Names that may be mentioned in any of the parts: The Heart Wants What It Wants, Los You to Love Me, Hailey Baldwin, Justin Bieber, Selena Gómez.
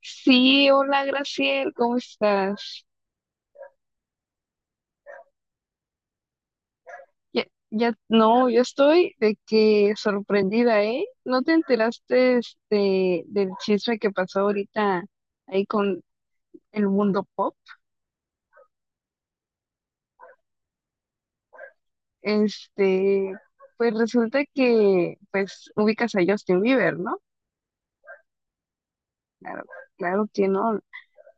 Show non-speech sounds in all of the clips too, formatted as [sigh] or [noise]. Sí, hola Graciel, ¿cómo estás? Ya, ya, no, yo estoy de que sorprendida, ¿eh? ¿No te enteraste del chisme que pasó ahorita ahí con el mundo pop? Este, pues resulta que, pues, ubicas a Justin Bieber, ¿no? Claro, claro que no.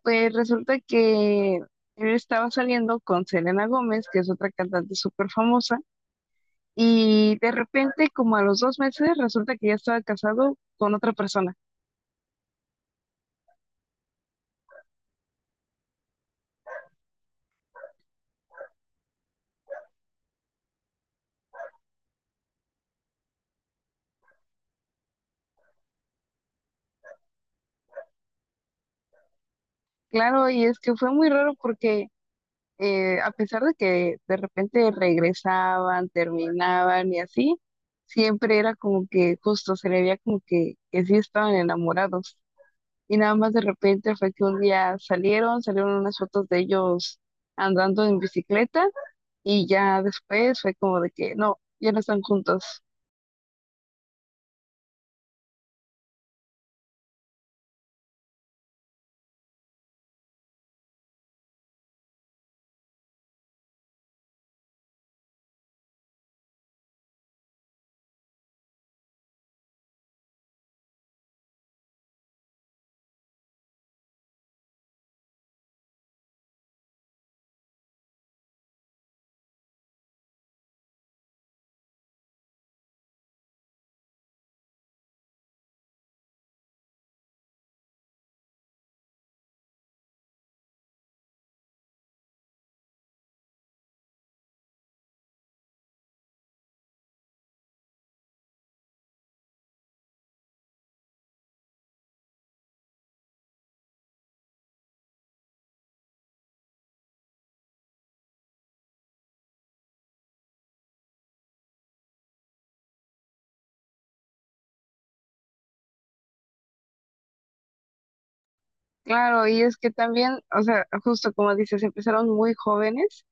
Pues resulta que él estaba saliendo con Selena Gómez, que es otra cantante súper famosa. Y de repente, como a los 2 meses, resulta que ya estaba casado con otra persona. Claro, y es que fue muy raro porque a pesar de que de repente regresaban, terminaban y así, siempre era como que justo se le veía como que sí estaban enamorados. Y nada más de repente fue que un día salieron unas fotos de ellos andando en bicicleta, y ya después fue como de que no, ya no están juntos. Claro, y es que también, o sea, justo como dices, empezaron muy jóvenes,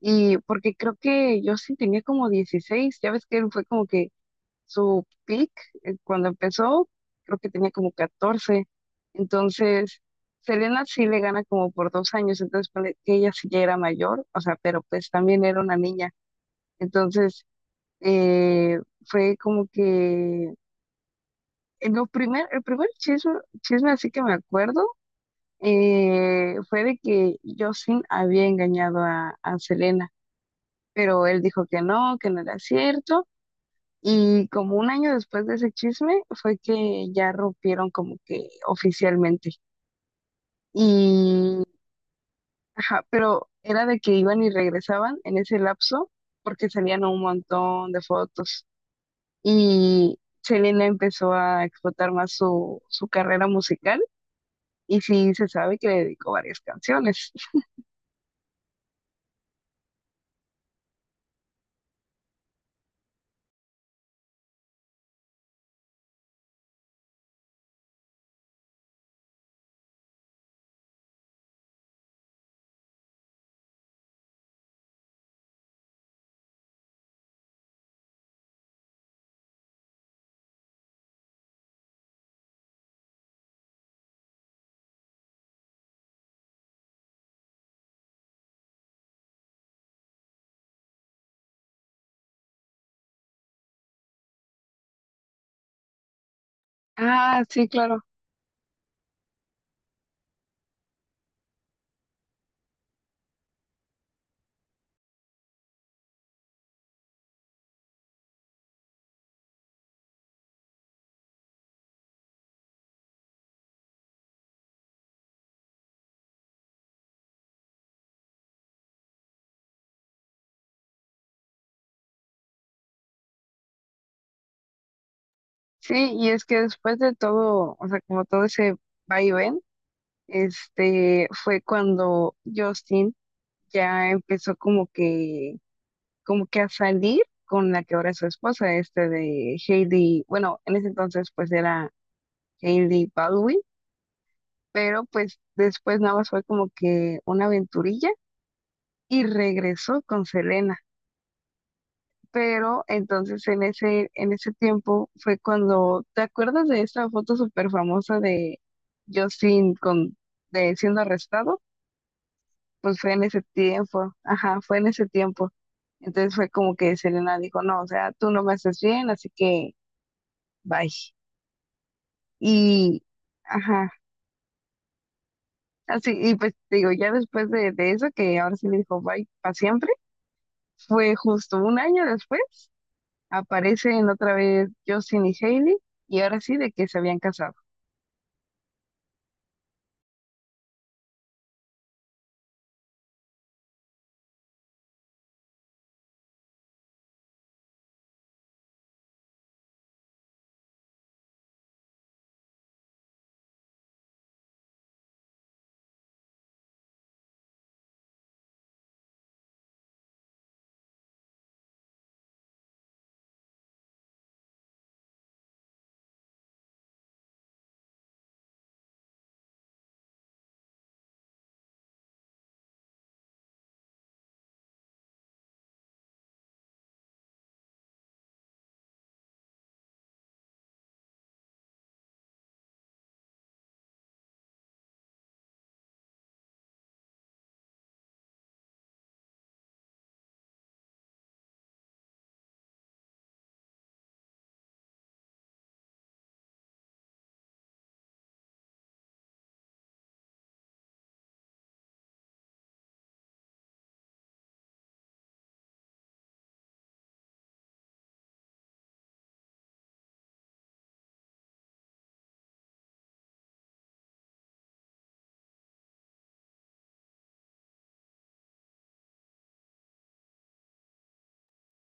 y porque creo que yo sí tenía como 16. Ya ves que él fue como que su peak, cuando empezó, creo que tenía como 14. Entonces Selena sí le gana como por 2 años, entonces ponle que ella sí ya era mayor, o sea, pero pues también era una niña. Entonces eh, fue como que el primer chisme así que me acuerdo, fue de que Justin había engañado a Selena, pero él dijo que no era cierto. Y como 1 año después de ese chisme fue que ya rompieron como que oficialmente. Y, ajá, pero era de que iban y regresaban en ese lapso porque salían un montón de fotos. Y Selena empezó a explotar más su carrera musical, y sí se sabe que le dedicó varias canciones. Ah, sí, claro. Sí, y es que después de todo, o sea, como todo ese vaivén, este, fue cuando Justin ya empezó como que a salir con la que ahora es su esposa, este de Hailey. Bueno, en ese entonces pues era Hailey Baldwin, pero pues después nada más fue como que una aventurilla y regresó con Selena. Pero entonces en en ese tiempo fue cuando, ¿te acuerdas de esa foto súper famosa de Justin con, de siendo arrestado? Pues fue en ese tiempo, ajá, fue en ese tiempo. Entonces fue como que Selena dijo, no, o sea, tú no me haces bien, así que bye. Y, ajá, así, y pues te digo, ya después de eso, que ahora sí le dijo bye para siempre, fue justo 1 año después, aparecen otra vez Justin y Hailey, y ahora sí de que se habían casado.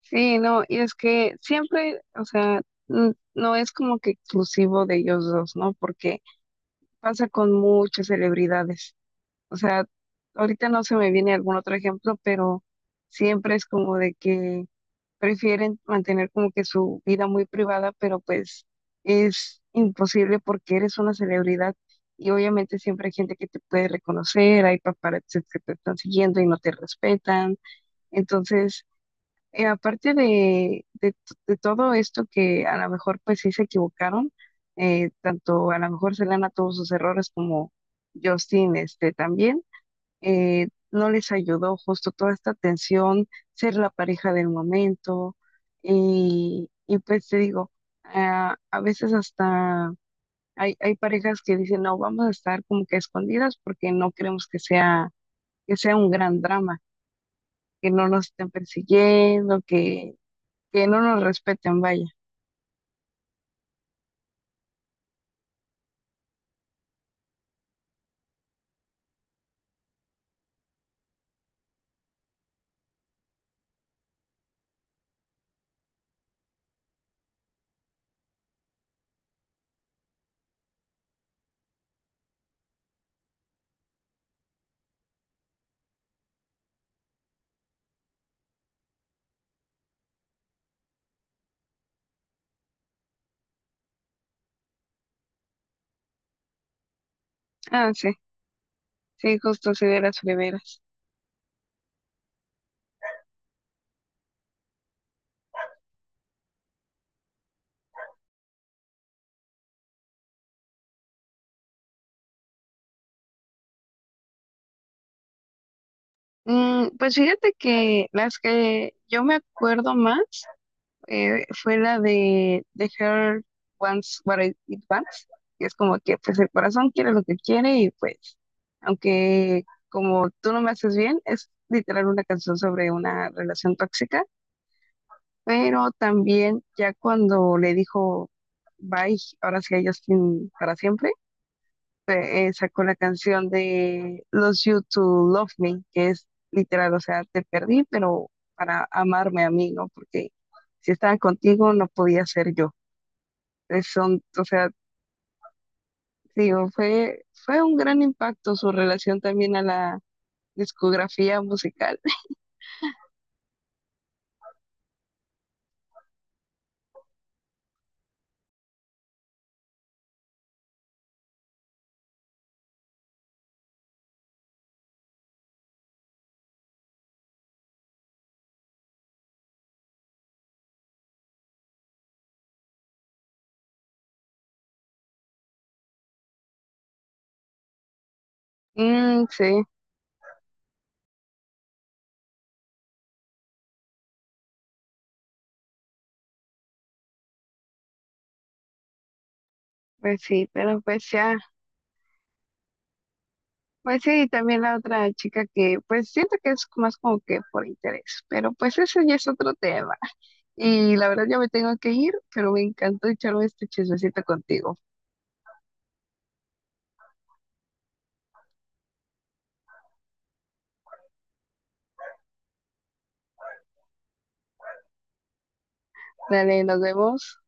Sí, no, y es que siempre, o sea, no es como que exclusivo de ellos dos, ¿no? Porque pasa con muchas celebridades. O sea, ahorita no se me viene algún otro ejemplo, pero siempre es como de que prefieren mantener como que su vida muy privada, pero pues es imposible porque eres una celebridad, y obviamente siempre hay gente que te puede reconocer, hay paparazzis que te están siguiendo y no te respetan. Entonces, aparte de todo esto que a lo mejor pues sí se equivocaron, tanto a lo mejor Selena tuvo sus errores como Justin este también, no les ayudó justo toda esta tensión, ser la pareja del momento, y pues te digo, ah, a veces hasta hay parejas que dicen, no, vamos a estar como que escondidas porque no queremos que sea un gran drama, que no nos estén persiguiendo, que no nos respeten vaya. Ah, sí, sí, justo sí de las preveras. Mm, pues fíjate que las que yo me acuerdo más fue la de The Heart Wants What It Wants, que es como que pues el corazón quiere lo que quiere, y pues aunque como tú no me haces bien, es literal una canción sobre una relación tóxica. Pero también ya cuando le dijo bye, ahora sí a Justin para siempre, sacó la canción de Los You to Love Me, que es literal, o sea, te perdí, pero para amarme a mí, ¿no? Porque si estaba contigo no podía ser yo. Es son, o sea, digo, fue un gran impacto su relación también a la discografía musical. [laughs] Mm, sí, pues sí, pero pues ya, pues sí, y también la otra chica que pues siento que es más como que por interés, pero pues ese ya es otro tema. Y la verdad ya me tengo que ir, pero me encantó echarme este chismecito contigo. Dale, nos vemos.